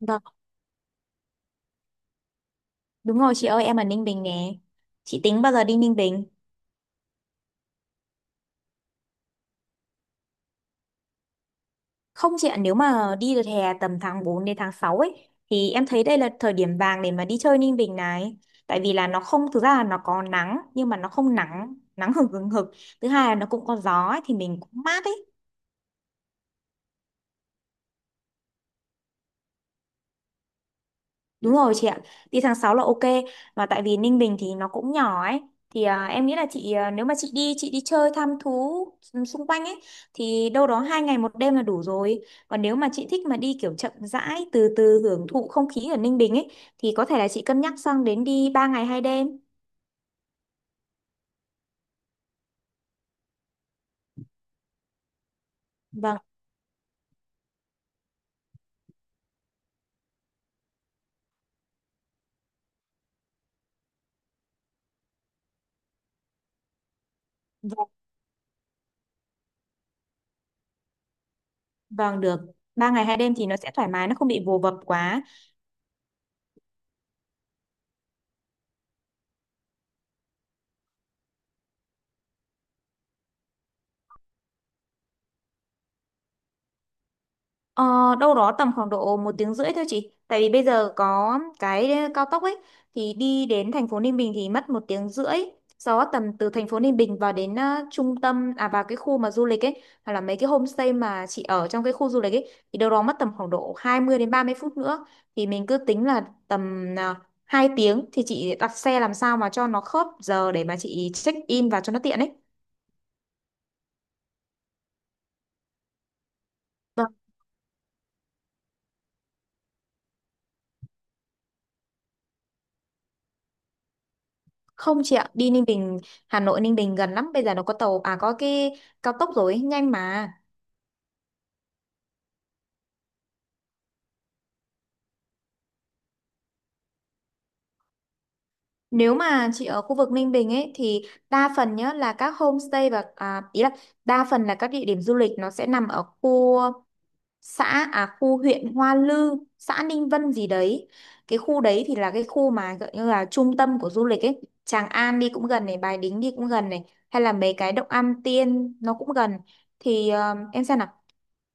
Vâng, đúng rồi chị ơi, em ở Ninh Bình nè. Chị tính bao giờ đi Ninh Bình? Không chị ạ, nếu mà đi được hè tầm tháng 4 đến tháng 6 ấy, thì em thấy đây là thời điểm vàng để mà đi chơi Ninh Bình này. Tại vì là nó không, thực ra là nó có nắng, nhưng mà nó không nắng, nắng hừng hừng hực. Thứ hai là nó cũng có gió ấy, thì mình cũng mát ấy. Đúng rồi chị ạ, đi tháng 6 là ok, mà tại vì Ninh Bình thì nó cũng nhỏ ấy, thì à, em nghĩ là chị à, nếu mà chị đi chơi thăm thú xung quanh ấy thì đâu đó 2 ngày 1 đêm là đủ rồi, còn nếu mà chị thích mà đi kiểu chậm rãi từ từ hưởng thụ không khí ở Ninh Bình ấy thì có thể là chị cân nhắc sang đến đi 3 ngày 2 đêm. Vâng, vâng, vâng, được. 3 ngày 2 đêm thì nó sẽ thoải mái, nó không bị vồ vập quá. Ờ, đâu đó tầm khoảng độ 1 tiếng rưỡi thôi chị. Tại vì bây giờ có cái cao tốc ấy thì đi đến thành phố Ninh Bình thì mất 1 tiếng rưỡi. Sau đó tầm từ thành phố Ninh Bình vào đến trung tâm, à, vào cái khu mà du lịch ấy, hoặc là mấy cái homestay mà chị ở trong cái khu du lịch ấy, thì đâu đó mất tầm khoảng độ 20 đến 30 phút nữa. Thì mình cứ tính là tầm uh, 2 tiếng thì chị đặt xe làm sao mà cho nó khớp giờ để mà chị check in vào cho nó tiện ấy. Không chị ạ, đi Ninh Bình, Hà Nội Ninh Bình gần lắm, bây giờ nó có tàu, à, có cái cao tốc rồi, nhanh mà. Nếu mà chị ở khu vực Ninh Bình ấy thì đa phần nhá là các homestay và à, ý là đa phần là các địa điểm du lịch nó sẽ nằm ở khu xã à khu huyện Hoa Lư, xã Ninh Vân gì đấy. Cái khu đấy thì là cái khu mà gọi như là trung tâm của du lịch ấy. Tràng An đi cũng gần này, Bài Đính đi cũng gần này, hay là mấy cái Động Am Tiên nó cũng gần. Thì em xem nào,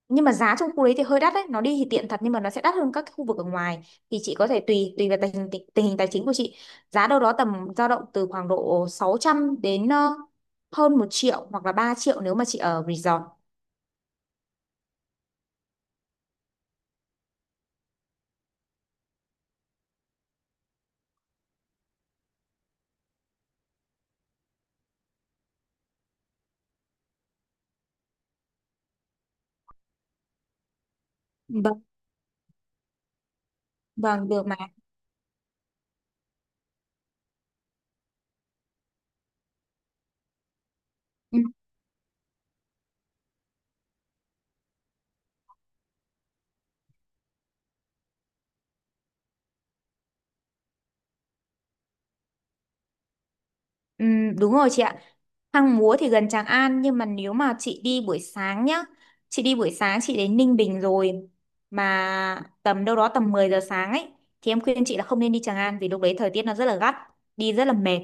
nhưng mà giá trong khu đấy thì hơi đắt đấy, nó đi thì tiện thật nhưng mà nó sẽ đắt hơn các cái khu vực ở ngoài, thì chị có thể tùy tùy vào tình hình tài chính của chị. Giá đâu đó tầm dao động từ khoảng độ 600 đến hơn 1 triệu hoặc là 3 triệu nếu mà chị ở resort. Vâng, vâng được mà. Ừ, ừ, đúng rồi chị ạ. Hang Múa thì gần Tràng An, nhưng mà nếu mà chị đi buổi sáng nhá, chị đi buổi sáng chị đến Ninh Bình rồi mà tầm đâu đó tầm 10 giờ sáng ấy, thì em khuyên chị là không nên đi Tràng An vì lúc đấy thời tiết nó rất là gắt, đi rất là mệt.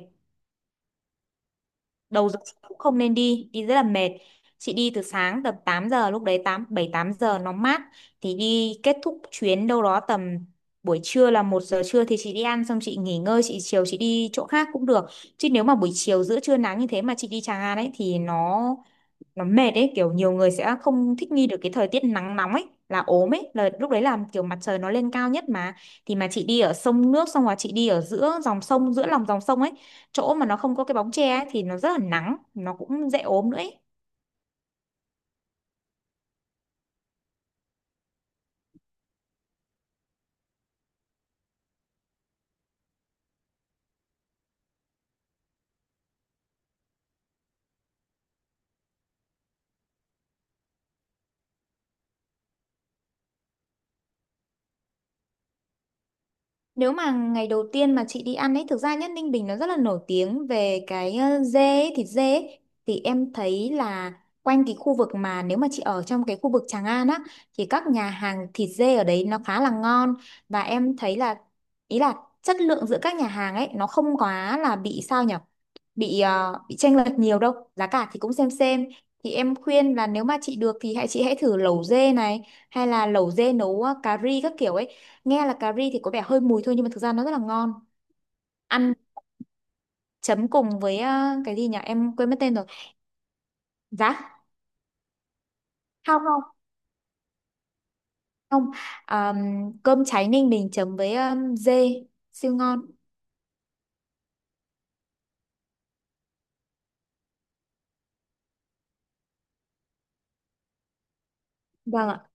Đầu giờ chị cũng không nên đi, đi rất là mệt. Chị đi từ sáng tầm 8 giờ, lúc đấy 8 7 8 giờ nó mát, thì đi kết thúc chuyến đâu đó tầm buổi trưa là 1 giờ trưa thì chị đi ăn xong chị nghỉ ngơi, chị chiều chị đi chỗ khác cũng được. Chứ nếu mà buổi chiều giữa trưa nắng như thế mà chị đi Tràng An ấy thì nó mệt ấy, kiểu nhiều người sẽ không thích nghi được cái thời tiết nắng nóng ấy là ốm ấy, là lúc đấy là kiểu mặt trời nó lên cao nhất mà, thì mà chị đi ở sông nước xong rồi chị đi ở giữa dòng sông giữa lòng dòng sông ấy, chỗ mà nó không có cái bóng che ấy, thì nó rất là nắng nó cũng dễ ốm nữa ấy. Nếu mà ngày đầu tiên mà chị đi ăn ấy, thực ra nhất Ninh Bình nó rất là nổi tiếng về cái dê, ấy, thịt dê ấy. Thì em thấy là quanh cái khu vực mà nếu mà chị ở trong cái khu vực Tràng An á, thì các nhà hàng thịt dê ở đấy nó khá là ngon. Và em thấy là, ý là chất lượng giữa các nhà hàng ấy, nó không quá là bị sao nhở. Bị bị chênh lệch nhiều đâu. Giá cả thì cũng xem xem. Thì em khuyên là nếu mà chị được thì chị hãy thử lẩu dê này, hay là lẩu dê nấu cà ri các kiểu ấy. Nghe là cà ri thì có vẻ hơi mùi thôi nhưng mà thực ra nó rất là ngon. Ăn chấm cùng với cái gì nhỉ, em quên mất tên rồi. Giá không, không, không. Ờm, Cơm cháy Ninh Bình chấm với dê siêu ngon. Vâng ạ.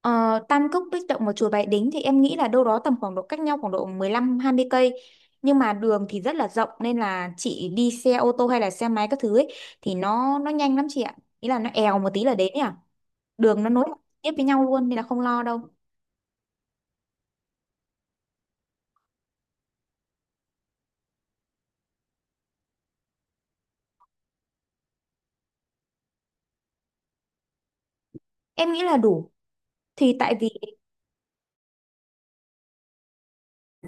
Ờ, Tam Cốc Bích Động và chùa Bái Đính thì em nghĩ là đâu đó tầm khoảng độ cách nhau khoảng độ 15-20 cây, nhưng mà đường thì rất là rộng nên là chị đi xe ô tô hay là xe máy các thứ ấy, thì nó nhanh lắm chị ạ, ý là nó èo một tí là đến ấy à. Đường nó nối tiếp với nhau luôn nên là không lo đâu. Em nghĩ là đủ, thì tại vì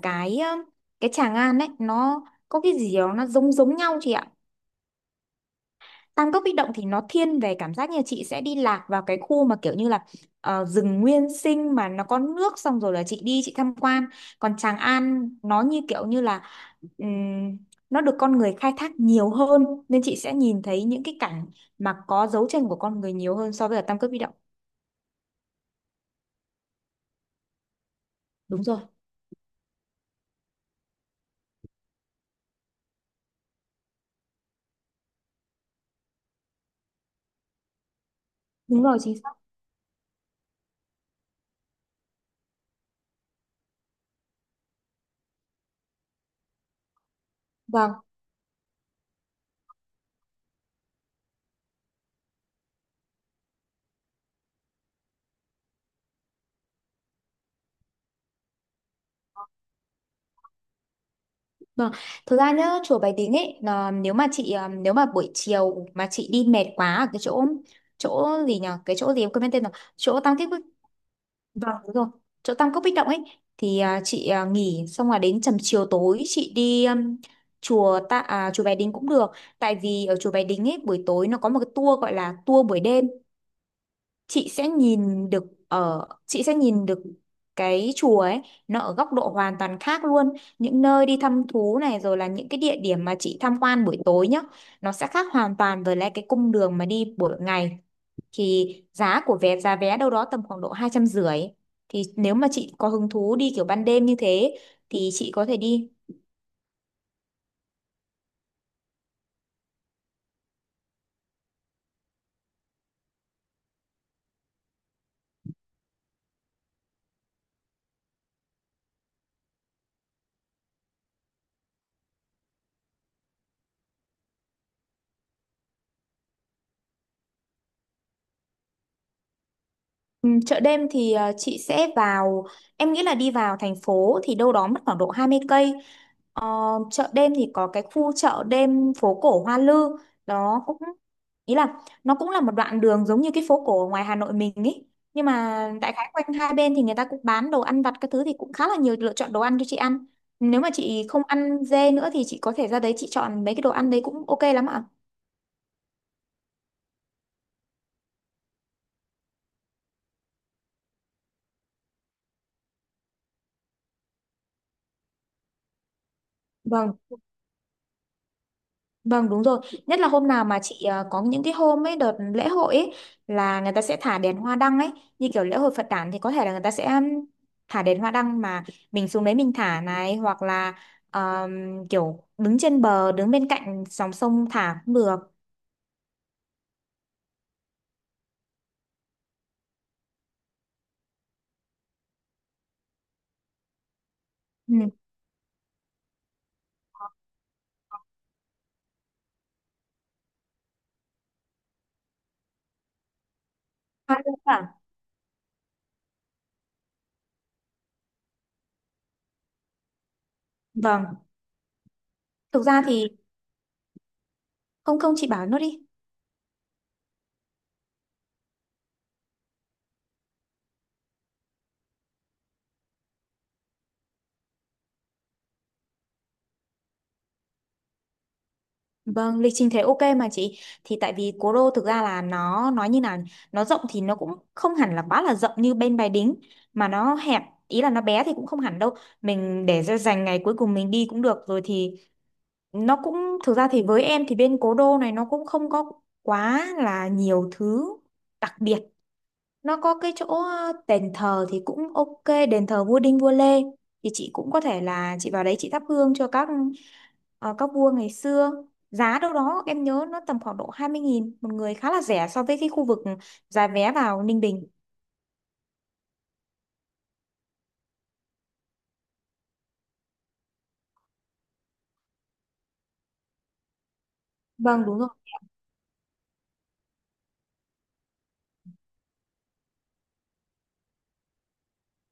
cái ờ, cái Tràng An ấy nó có cái gì đó nó giống giống nhau chị ạ. Tam Cốc Bích Động thì nó thiên về cảm giác như chị sẽ đi lạc vào cái khu mà kiểu như là rừng nguyên sinh mà nó có nước xong rồi là chị đi chị tham quan. Còn Tràng An nó như kiểu như là ừm, nó được con người khai thác nhiều hơn, nên chị sẽ nhìn thấy những cái cảnh mà có dấu chân của con người nhiều hơn so với ở Tam Cốc Bích Động. Đúng rồi. Đúng rồi, chính xác. Vâng. Vâng. Thực ra nhá, chùa Bái Đính ấy là nếu mà chị à, nếu mà buổi chiều mà chị đi mệt quá ở cái chỗ, chỗ gì nhỉ? Cái chỗ gì em quên mất tên rồi. Chỗ Tam Kích Bích. Vâng, đúng rồi. Chỗ Tam Cốc Bích Động ấy thì à, chị à, nghỉ xong là đến tầm chiều tối chị đi chùa ta, à, chùa Bái Đính cũng được. Tại vì ở chùa Bái Đính ấy buổi tối nó có một cái tour gọi là tour buổi đêm, chị sẽ nhìn được, ở chị sẽ nhìn được cái chùa ấy nó ở góc độ hoàn toàn khác luôn. Những nơi đi thăm thú này rồi là những cái địa điểm mà chị tham quan buổi tối nhá, nó sẽ khác hoàn toàn với lại cái cung đường mà đi buổi ngày. Thì giá của vé, giá vé đâu đó tầm khoảng độ 250. Thì nếu mà chị có hứng thú đi kiểu ban đêm như thế thì chị có thể đi. Ừ, chợ đêm thì chị sẽ vào, em nghĩ là đi vào thành phố thì đâu đó mất khoảng độ 20 cây. Ờ, chợ đêm thì có cái khu chợ đêm phố cổ Hoa Lư, đó cũng, ý là nó cũng là một đoạn đường giống như cái phố cổ ở ngoài Hà Nội mình ý. Nhưng mà đại khái quanh hai bên thì người ta cũng bán đồ ăn vặt các thứ, thì cũng khá là nhiều lựa chọn đồ ăn cho chị ăn. Nếu mà chị không ăn dê nữa thì chị có thể ra đấy chị chọn mấy cái đồ ăn đấy cũng ok lắm ạ. Vâng. Vâng, đúng rồi, nhất là hôm nào mà chị có những cái hôm ấy đợt lễ hội ấy là người ta sẽ thả đèn hoa đăng ấy, như kiểu lễ hội Phật đản thì có thể là người ta sẽ thả đèn hoa đăng mà mình xuống đấy mình thả này, hoặc là um, kiểu đứng trên bờ, đứng bên cạnh dòng sông thả cũng được. Ừ. Hoa luôn à? Vâng, thực ra thì không, không, chị bảo nốt đi. Vâng, lịch trình thế ok mà chị, thì tại vì Cố Đô thực ra là nó nói như nào nhỉ? Nó rộng thì nó cũng không hẳn là quá là rộng như bên Bài Đính mà nó hẹp, ý là nó bé thì cũng không hẳn đâu. Mình để ra dành ngày cuối cùng mình đi cũng được rồi, thì nó cũng, thực ra thì với em thì bên Cố Đô này nó cũng không có quá là nhiều thứ đặc biệt. Nó có cái chỗ đền thờ thì cũng ok, đền thờ vua Đinh vua Lê, thì chị cũng có thể là chị vào đấy chị thắp hương cho các vua ngày xưa. Giá đâu đó em nhớ nó tầm khoảng độ 20.000 một người, khá là rẻ so với cái khu vực giá vé vào Ninh Bình. Vâng, đúng rồi.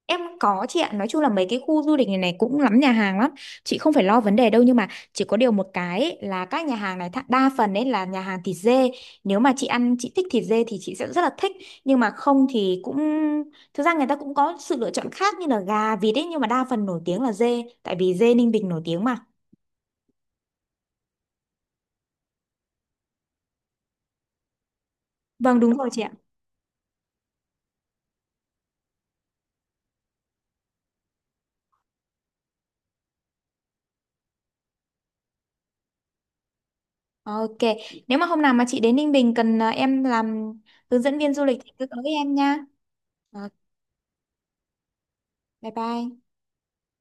Em có chị ạ, nói chung là mấy cái khu du lịch này này cũng lắm nhà hàng lắm, chị không phải lo vấn đề đâu. Nhưng mà chỉ có điều một cái ấy, là các nhà hàng này đa phần ấy là nhà hàng thịt dê. Nếu mà chị ăn chị thích thịt dê thì chị sẽ rất là thích, nhưng mà không thì cũng, thực ra người ta cũng có sự lựa chọn khác như là gà vịt ấy, nhưng mà đa phần nổi tiếng là dê tại vì dê Ninh Bình nổi tiếng mà. Vâng, đúng rồi chị ạ. Ok, nếu mà hôm nào mà chị đến Ninh Bình cần à, em làm hướng dẫn viên du lịch thì cứ tới em nha. Ok, bye bye.